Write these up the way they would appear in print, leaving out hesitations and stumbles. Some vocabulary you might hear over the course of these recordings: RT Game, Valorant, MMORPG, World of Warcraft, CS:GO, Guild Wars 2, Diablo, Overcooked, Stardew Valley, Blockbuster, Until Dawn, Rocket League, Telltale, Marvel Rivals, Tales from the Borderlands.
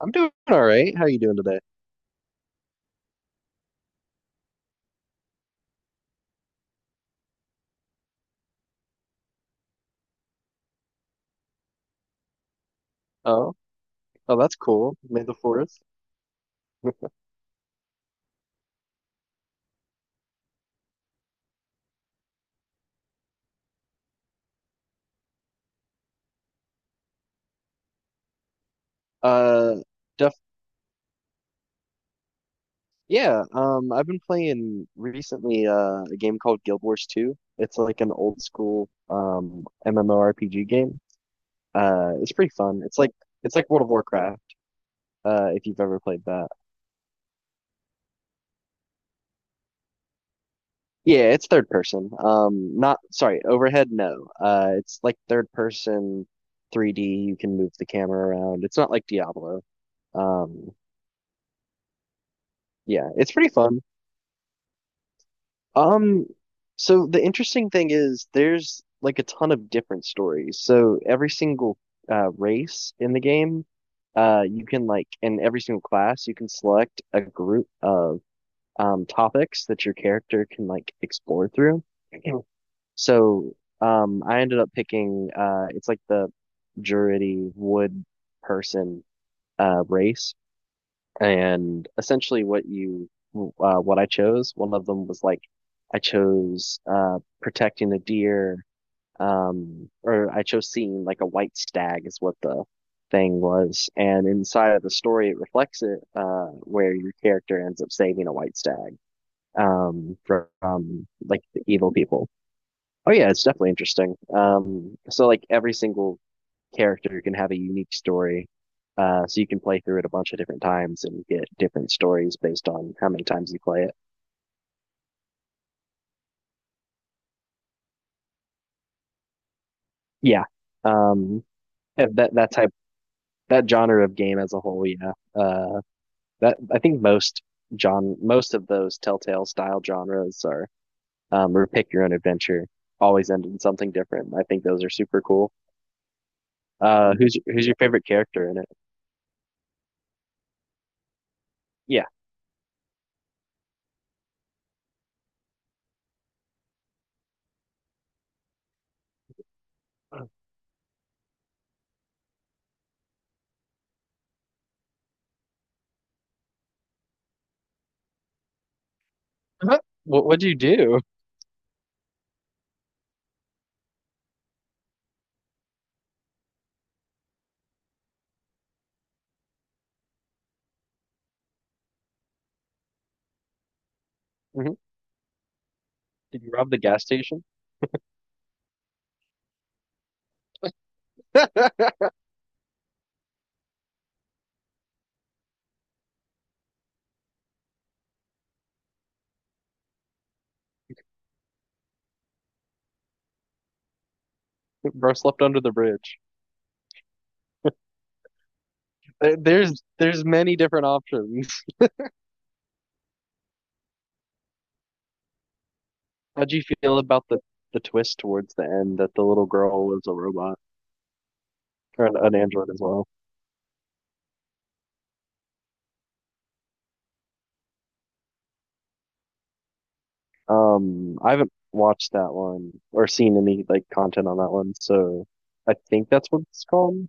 I'm doing all right. How are you doing today? Oh, oh, that's cool. May the fourth. Uh, def yeah. I've been playing recently a game called Guild Wars 2. It's like an old school MMORPG game. It's pretty fun. It's like World of Warcraft. If you've ever played that. Yeah, it's third person. Not, sorry, overhead. No. It's like third person, 3D. You can move the camera around. It's not like Diablo. Um, yeah, it's pretty fun. Um, so the interesting thing is there's like a ton of different stories. So every single race in the game, you can, like in every single class, you can select a group of topics that your character can like explore through. Mhm. So I ended up picking it's like the Druidy wood person race, and essentially what you what I chose. One of them was like I chose protecting a deer, or I chose seeing like a white stag is what the thing was. And inside of the story, it reflects it where your character ends up saving a white stag from like the evil people. Oh yeah, it's definitely interesting. So like every single character can have a unique story. So you can play through it a bunch of different times and get different stories based on how many times you play it. Yeah. Um, that type, that genre of game as a whole, yeah. That, I think, most John most of those Telltale style genres are or pick your own adventure, always end in something different. I think those are super cool. Who's your favorite character in it? Yeah. Uh-huh. What'd you do? Mm-hmm. Did you rob the gas station? Bro slept under the bridge. There's many different options. How'd you feel about the twist towards the end that the little girl was a robot or an android as well? I haven't watched that one or seen any like content on that one, so I think that's what it's called.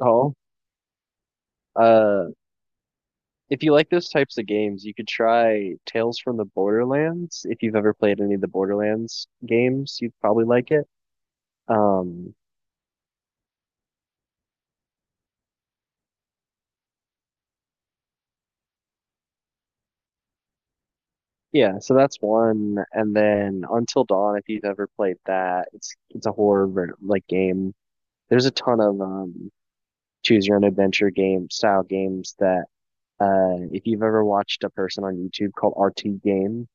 Oh, uh, if you like those types of games, you could try Tales from the Borderlands. If you've ever played any of the Borderlands games, you'd probably like it. Um, Yeah, so that's one, and then Until Dawn, if you've ever played that, it's a like game. There's a ton of choose your own adventure game style games that if you've ever watched a person on YouTube called RT Game,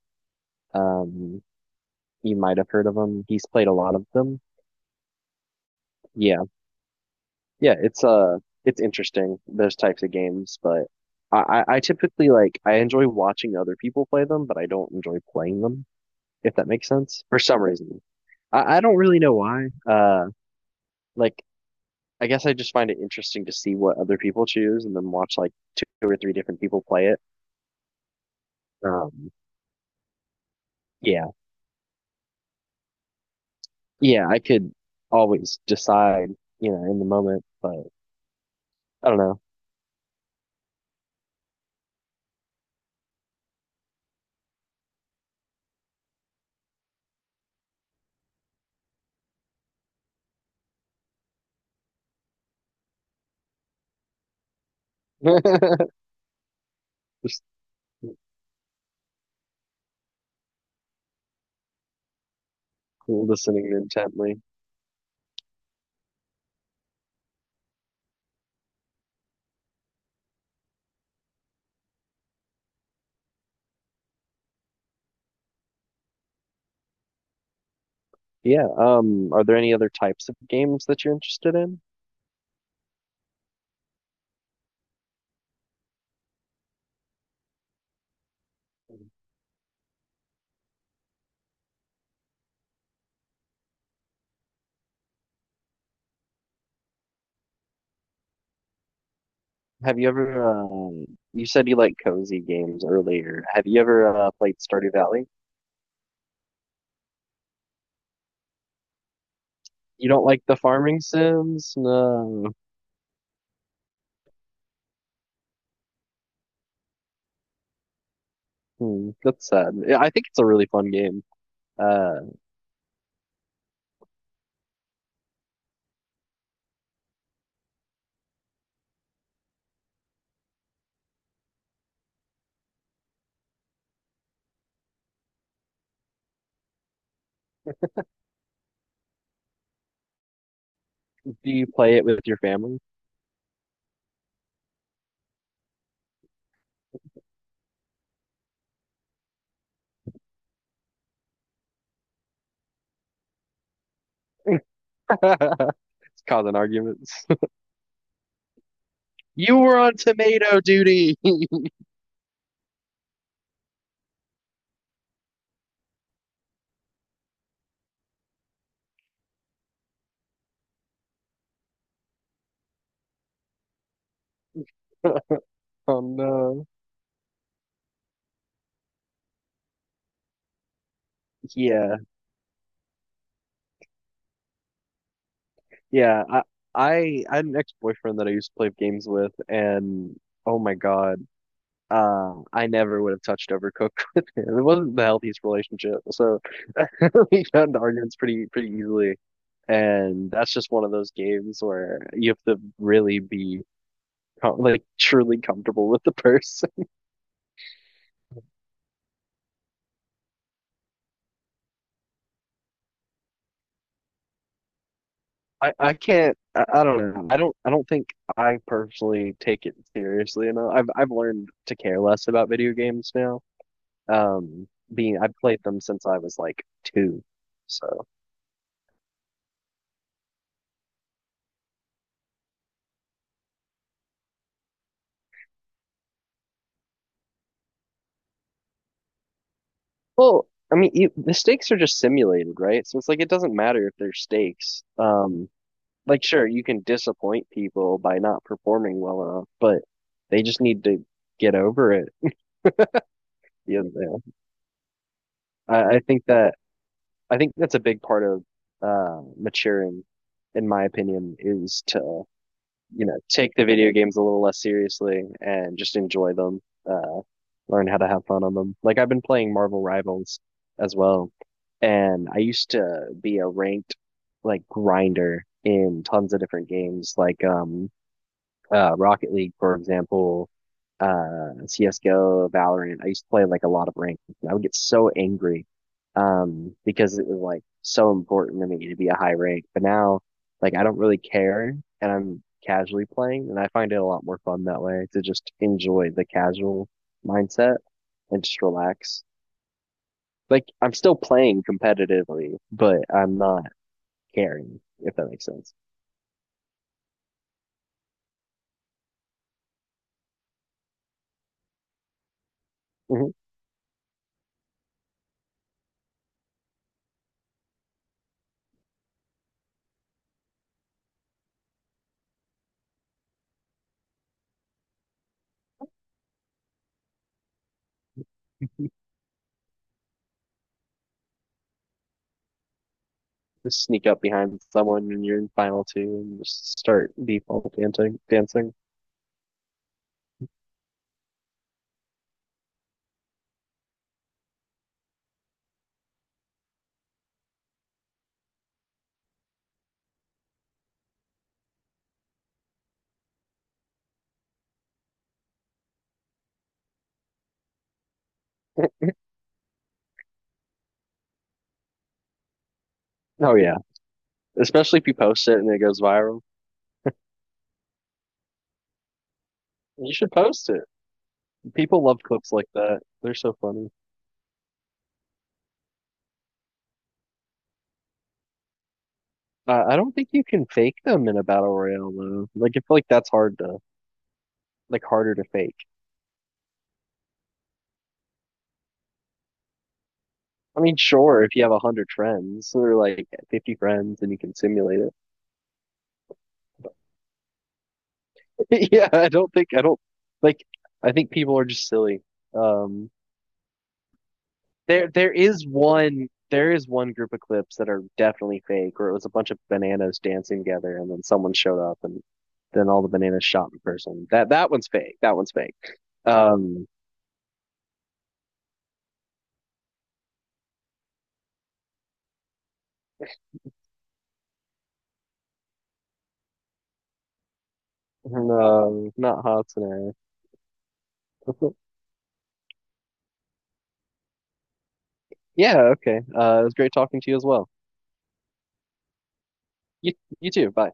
um, you might have heard of him. He's played a lot of them. Yeah, yeah, it's interesting, those types of games, but I typically like, I enjoy watching other people play them, but I don't enjoy playing them, if that makes sense, for some reason. I don't really know why. Like I guess I just find it interesting to see what other people choose and then watch like two or three different people play it. Um, yeah, yeah, I could always decide, you know, in the moment, but I don't know. Just listening intently. Yeah. Are there any other types of games that you're interested in? Have you ever, you said you like cozy games earlier. Have you ever played Stardew Valley? You don't like the farming sims? No. Hmm, that's sad. Yeah, I think it's a really fun game. Uh, do you play it with your family? It's causing arguments. You were on tomato duty. Oh no. Yeah, yeah. I had an ex-boyfriend that I used to play games with, and oh my God, I never would have touched Overcooked with him. It wasn't the healthiest relationship, so we got into arguments pretty, pretty easily. And that's just one of those games where you have to really be like truly comfortable with the person. I can't. I don't know. I don't. I don't think I personally take it seriously enough. I've learned to care less about video games now. Um, being I've played them since I was like two, so well. I mean, you, the stakes are just simulated, right? So it's like it doesn't matter if there's stakes. Like sure, you can disappoint people by not performing well enough, but they just need to get over it. You know, I think that I think that's a big part of maturing, in my opinion, is to, you know, take the video games a little less seriously and just enjoy them. Uh, learn how to have fun on them. Like I've been playing Marvel Rivals as well, and I used to be a ranked like grinder in tons of different games, like Rocket League, for example, CS:GO, Valorant. I used to play like a lot of ranked. And I would get so angry because it was like so important to me to be a high rank. But now, like, I don't really care, and I'm casually playing, and I find it a lot more fun that way, to just enjoy the casual mindset and just relax. Like, I'm still playing competitively, but I'm not caring, if that makes sense. Mhm. Just sneak up behind someone when you're in final two and just start default dancing. Dancing. Oh yeah, especially if you post it and it goes viral. You should post it. People love clips like that. They're so funny. I don't think you can fake them in a battle royale though. Like I feel like that's hard to, like, harder to fake. I mean, sure, if you have a hundred friends, so they're like 50 friends, and you can simulate it. Yeah, I don't think, I don't like. I think people are just silly. Um, There is one group of clips that are definitely fake, where it was a bunch of bananas dancing together, and then someone showed up, and then all the bananas shot in person. That one's fake. That one's fake. Um, no, not Hatsune. Yeah, okay. It was great talking to you as well. You you too. Bye.